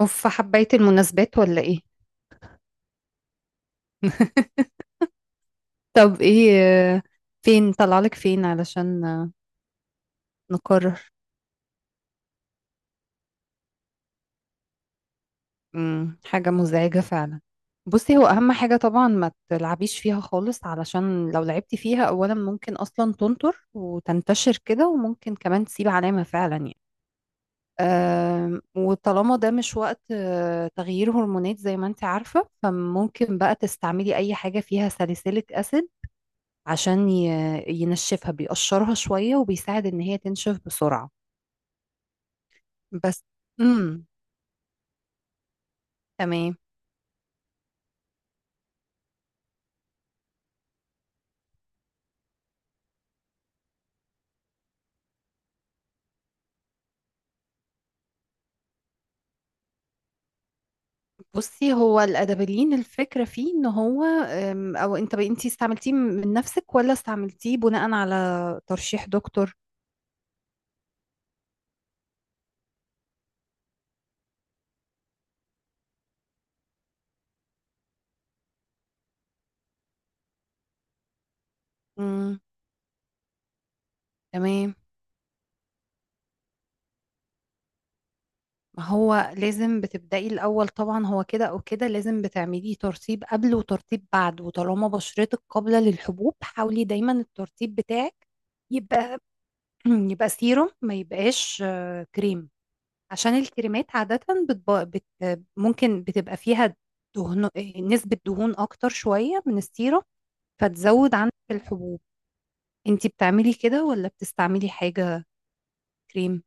اوف، حبيت المناسبات ولا ايه؟ طب ايه؟ آه، فين طلعلك؟ فين علشان نقرر؟ حاجة مزعجة فعلا. بصي، هو اهم حاجة طبعا ما تلعبيش فيها خالص، علشان لو لعبتي فيها اولا ممكن اصلا تنطر وتنتشر كده، وممكن كمان تسيب علامة فعلا يعني. وطالما ده مش وقت تغيير هرمونات زي ما انت عارفة، فممكن بقى تستعملي اي حاجة فيها ساليسيليك اسيد عشان ينشفها، بيقشرها شوية وبيساعد إن هي تنشف بسرعة بس. امم تمام. بصي، هو الأدابلين الفكرة فيه إن هو أو أنت استعملتيه من نفسك ولا استعملتيه بناء على ترشيح دكتور؟ امم، تمام. ما هو لازم بتبدأي الأول طبعا، هو كده أو كده لازم بتعملي ترطيب قبل وترطيب بعد، وطالما بشرتك قابلة للحبوب حاولي دايما الترطيب بتاعك يبقى يبقى سيروم، ما يبقاش كريم، عشان الكريمات عادة بتب... بت... ممكن بتبقى فيها دهن... نسبة دهون أكتر شوية من السيرة، فتزود عندك الحبوب. انتي بتعملي كده ولا بتستعملي حاجة كريم؟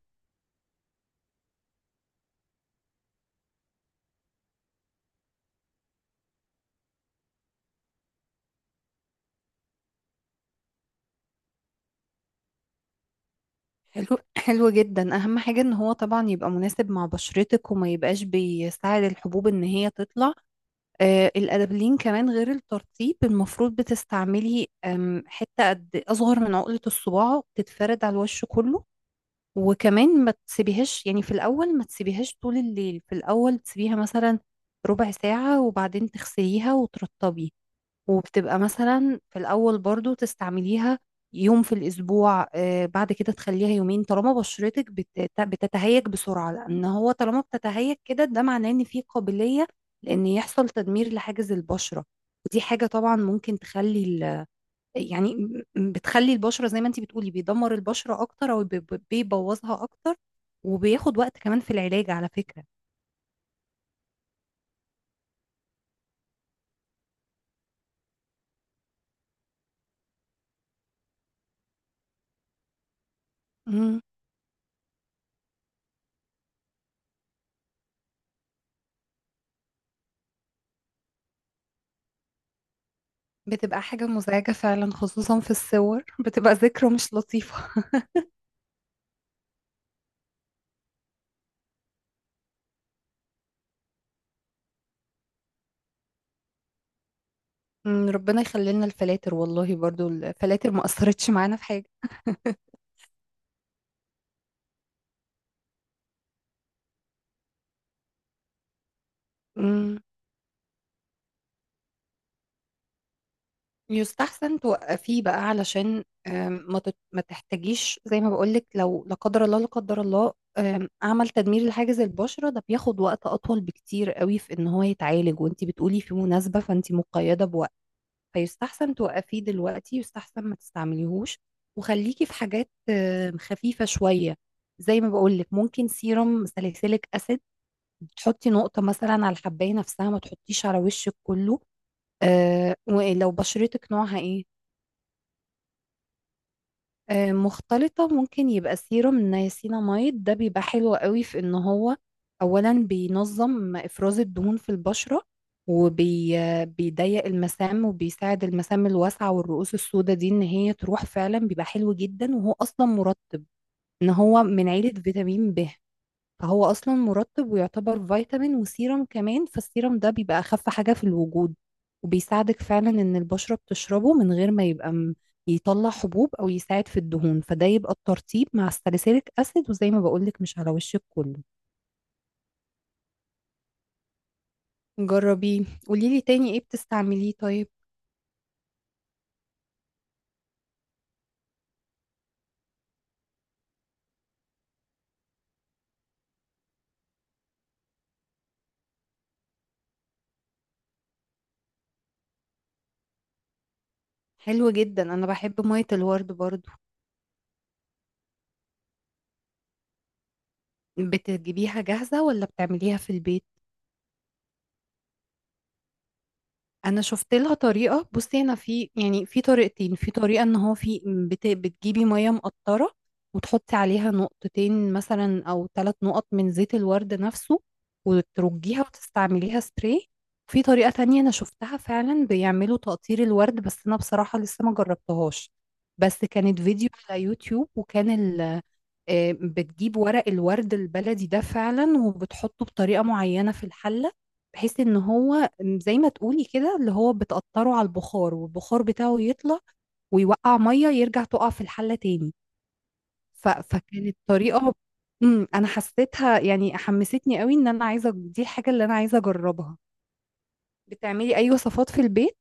حلو حلو جدا. أهم حاجة ان هو طبعا يبقى مناسب مع بشرتك، وما يبقاش بيساعد الحبوب ان هي تطلع. آه، الأدابلين كمان غير الترطيب المفروض بتستعملي حتة قد أصغر من عقلة الصباع تتفرد على الوش كله، وكمان ما تسيبيهاش يعني في الأول، ما تسيبيهاش طول الليل. في الأول تسيبيها مثلا ربع ساعة وبعدين تغسليها وترطبي. وبتبقى مثلا في الأول برضو تستعمليها يوم في الأسبوع، آه بعد كده تخليها يومين. طالما بشرتك بتتهيج بسرعة، لأن هو طالما بتتهيج كده ده معناه إن في قابلية لأن يحصل تدمير لحاجز البشرة، ودي حاجة طبعا ممكن تخلي يعني بتخلي البشرة زي ما انتي بتقولي، بيدمر البشرة أكتر أو بيبوظها أكتر، وبياخد وقت كمان في العلاج على فكرة. مم. بتبقى حاجة مزعجة فعلا، خصوصا في الصور بتبقى ذكرى مش لطيفة. مم. ربنا يخلي لنا الفلاتر، والله برضو الفلاتر ما أثرتش معانا في حاجة. يستحسن توقفيه بقى، علشان ما تحتاجيش زي ما بقولك لو لا قدر الله، لا قدر الله عمل تدمير لحاجز البشرة، ده بياخد وقت أطول بكتير قوي في إن هو يتعالج، وانتي بتقولي في مناسبة فانتي مقيدة بوقت، فيستحسن توقفيه دلوقتي، يستحسن ما تستعمليهوش. وخليكي في حاجات خفيفة شوية، زي ما بقولك ممكن سيرم ساليسيليك أسيد تحطي نقطة مثلا على الحباية نفسها، ما تحطيش على وشك كله. ولو بشرتك نوعها ايه؟ آه، مختلطة. ممكن يبقى سيروم النياسيناميد، ده بيبقى حلو قوي في ان هو اولا بينظم افراز الدهون في البشرة، وبيضيق المسام، وبيساعد المسام الواسعة والرؤوس السوداء دي ان هي تروح فعلا. بيبقى حلو جدا، وهو اصلا مرطب، ان هو من عيلة فيتامين ب، فهو اصلا مرطب ويعتبر فيتامين وسيرم كمان. فالسيرم ده بيبقى اخف حاجة في الوجود، وبيساعدك فعلا ان البشرة بتشربه من غير ما يبقى يطلع حبوب او يساعد في الدهون. فده يبقى الترطيب مع الساليسيليك اسيد، وزي ما بقولك مش على وشك كله. جربيه، قوليلي تاني. ايه بتستعمليه طيب؟ حلو جدا، انا بحب مية الورد برضو. بتجيبيها جاهزة ولا بتعمليها في البيت؟ انا شفت لها طريقه. بصي، انا في يعني في طريقتين. في طريقه ان هو في بتجيبي ميه مقطره وتحطي عليها نقطتين مثلا او ثلاث نقط من زيت الورد نفسه، وترجيها وتستعمليها سبراي. في طريقه تانية انا شفتها فعلا بيعملوا تقطير الورد، بس انا بصراحه لسه ما جربتهاش. بس كانت فيديو على يوتيوب، وكان ال... آه، بتجيب ورق الورد البلدي ده فعلا، وبتحطه بطريقة معينة في الحلة، بحيث ان هو زي ما تقولي كده اللي هو بتقطره على البخار، والبخار بتاعه يطلع ويوقع مية، يرجع تقع في الحلة تاني. فكانت طريقة. امم، انا حسيتها يعني حمستني قوي ان انا عايزة، دي الحاجة اللي انا عايزة اجربها. بتعملي اي وصفات في البيت؟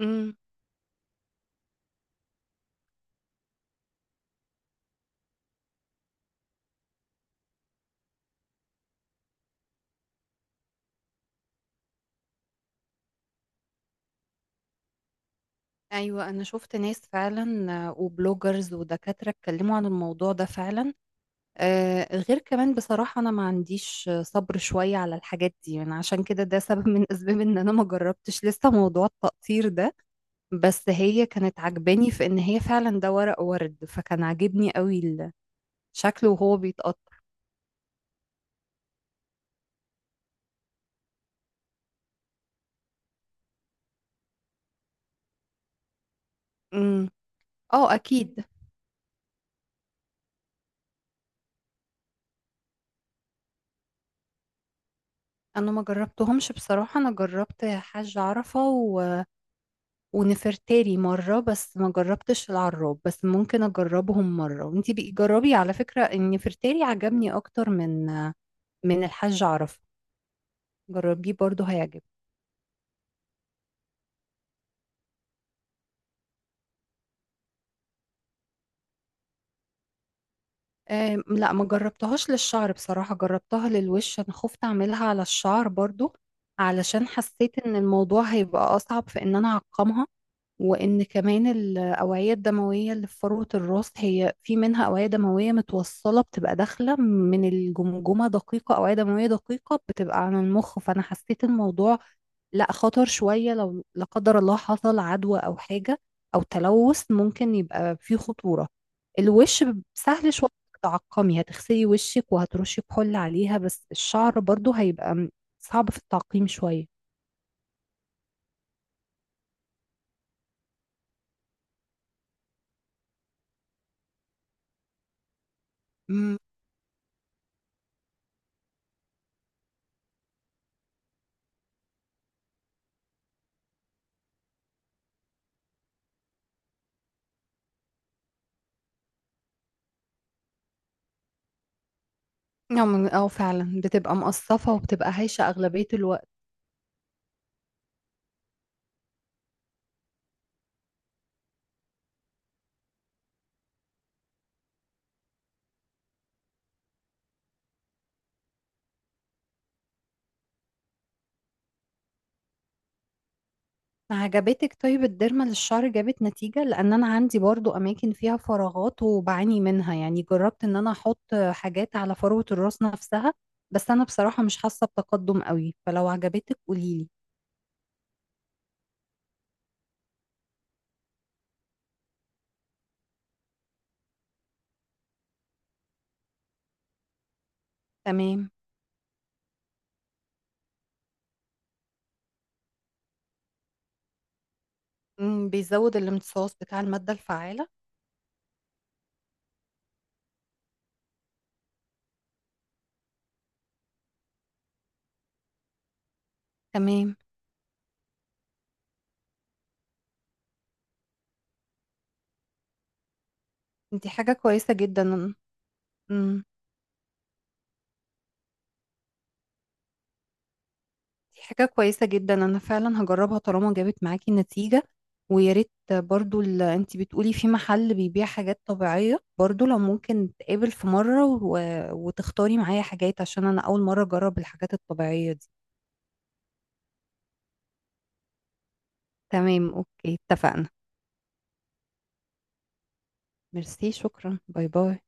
امم. ايوه انا شفت ناس فعلا، وبلوجرز ودكاترة اتكلموا عن الموضوع ده فعلا. غير كمان بصراحة أنا ما عنديش صبر شوية على الحاجات دي، من عشان كده ده سبب من أسباب إن أنا ما جربتش لسه موضوع التقطير ده. بس هي كانت عجباني في إن هي فعلا ده ورق ورد، فكان عاجبني قوي شكله وهو بيتقطع. أمم. اه أكيد. أنا ما جربتهمش بصراحة. أنا جربت حاج عرفة ونفرتاري مرة، بس ما جربتش العراب. بس ممكن أجربهم مرة، وانتي بقي جربي على فكرة، إن نفرتاري عجبني أكتر من من الحاج عرفة. جربيه برضو، هيعجبك. أم، لا ما جربتهاش للشعر بصراحة، جربتها للوش. انا خفت اعملها على الشعر برضو، علشان حسيت ان الموضوع هيبقى اصعب في ان انا اعقمها. وإن كمان الأوعية الدموية اللي في فروة الراس، هي في منها أوعية دموية متوصلة، بتبقى داخلة من الجمجمة دقيقة، أوعية دموية دقيقة بتبقى عن المخ. فأنا حسيت الموضوع لا خطر شوية، لو لا قدر الله حصل عدوى أو حاجة أو تلوث ممكن يبقى فيه خطورة. الوش سهل شوية إنك تعقمي، هتغسلي وشك وهترشي كحول عليها، بس الشعر برضو هيبقى صعب في التعقيم شوية. نعم، اه فعلا بتبقى مقصفة وبتبقى هايشة أغلبية الوقت. عجبتك طيب الديرما للشعر، جابت نتيجة؟ لأن أنا عندي برضو أماكن فيها فراغات وبعاني منها يعني. جربت إن أنا أحط حاجات على فروة الراس نفسها، بس أنا بصراحة مش حاسة بتقدم قوي. فلو عجبتك قوليلي. تمام. مم، بيزود الامتصاص بتاع المادة الفعالة. تمام، دي حاجة كويسة جدا. مم. دي حاجة كويسة جدا، أنا فعلا هجربها طالما جابت معاكي نتيجة. ويا ريت برضو اللي انتي بتقولي في محل بيبيع حاجات طبيعية برضو، لو ممكن نتقابل في مرة وتختاري معايا حاجات، عشان أنا أول مرة أجرب الحاجات الطبيعية دي. تمام، أوكي، اتفقنا. ميرسي، شكرا، باي باي.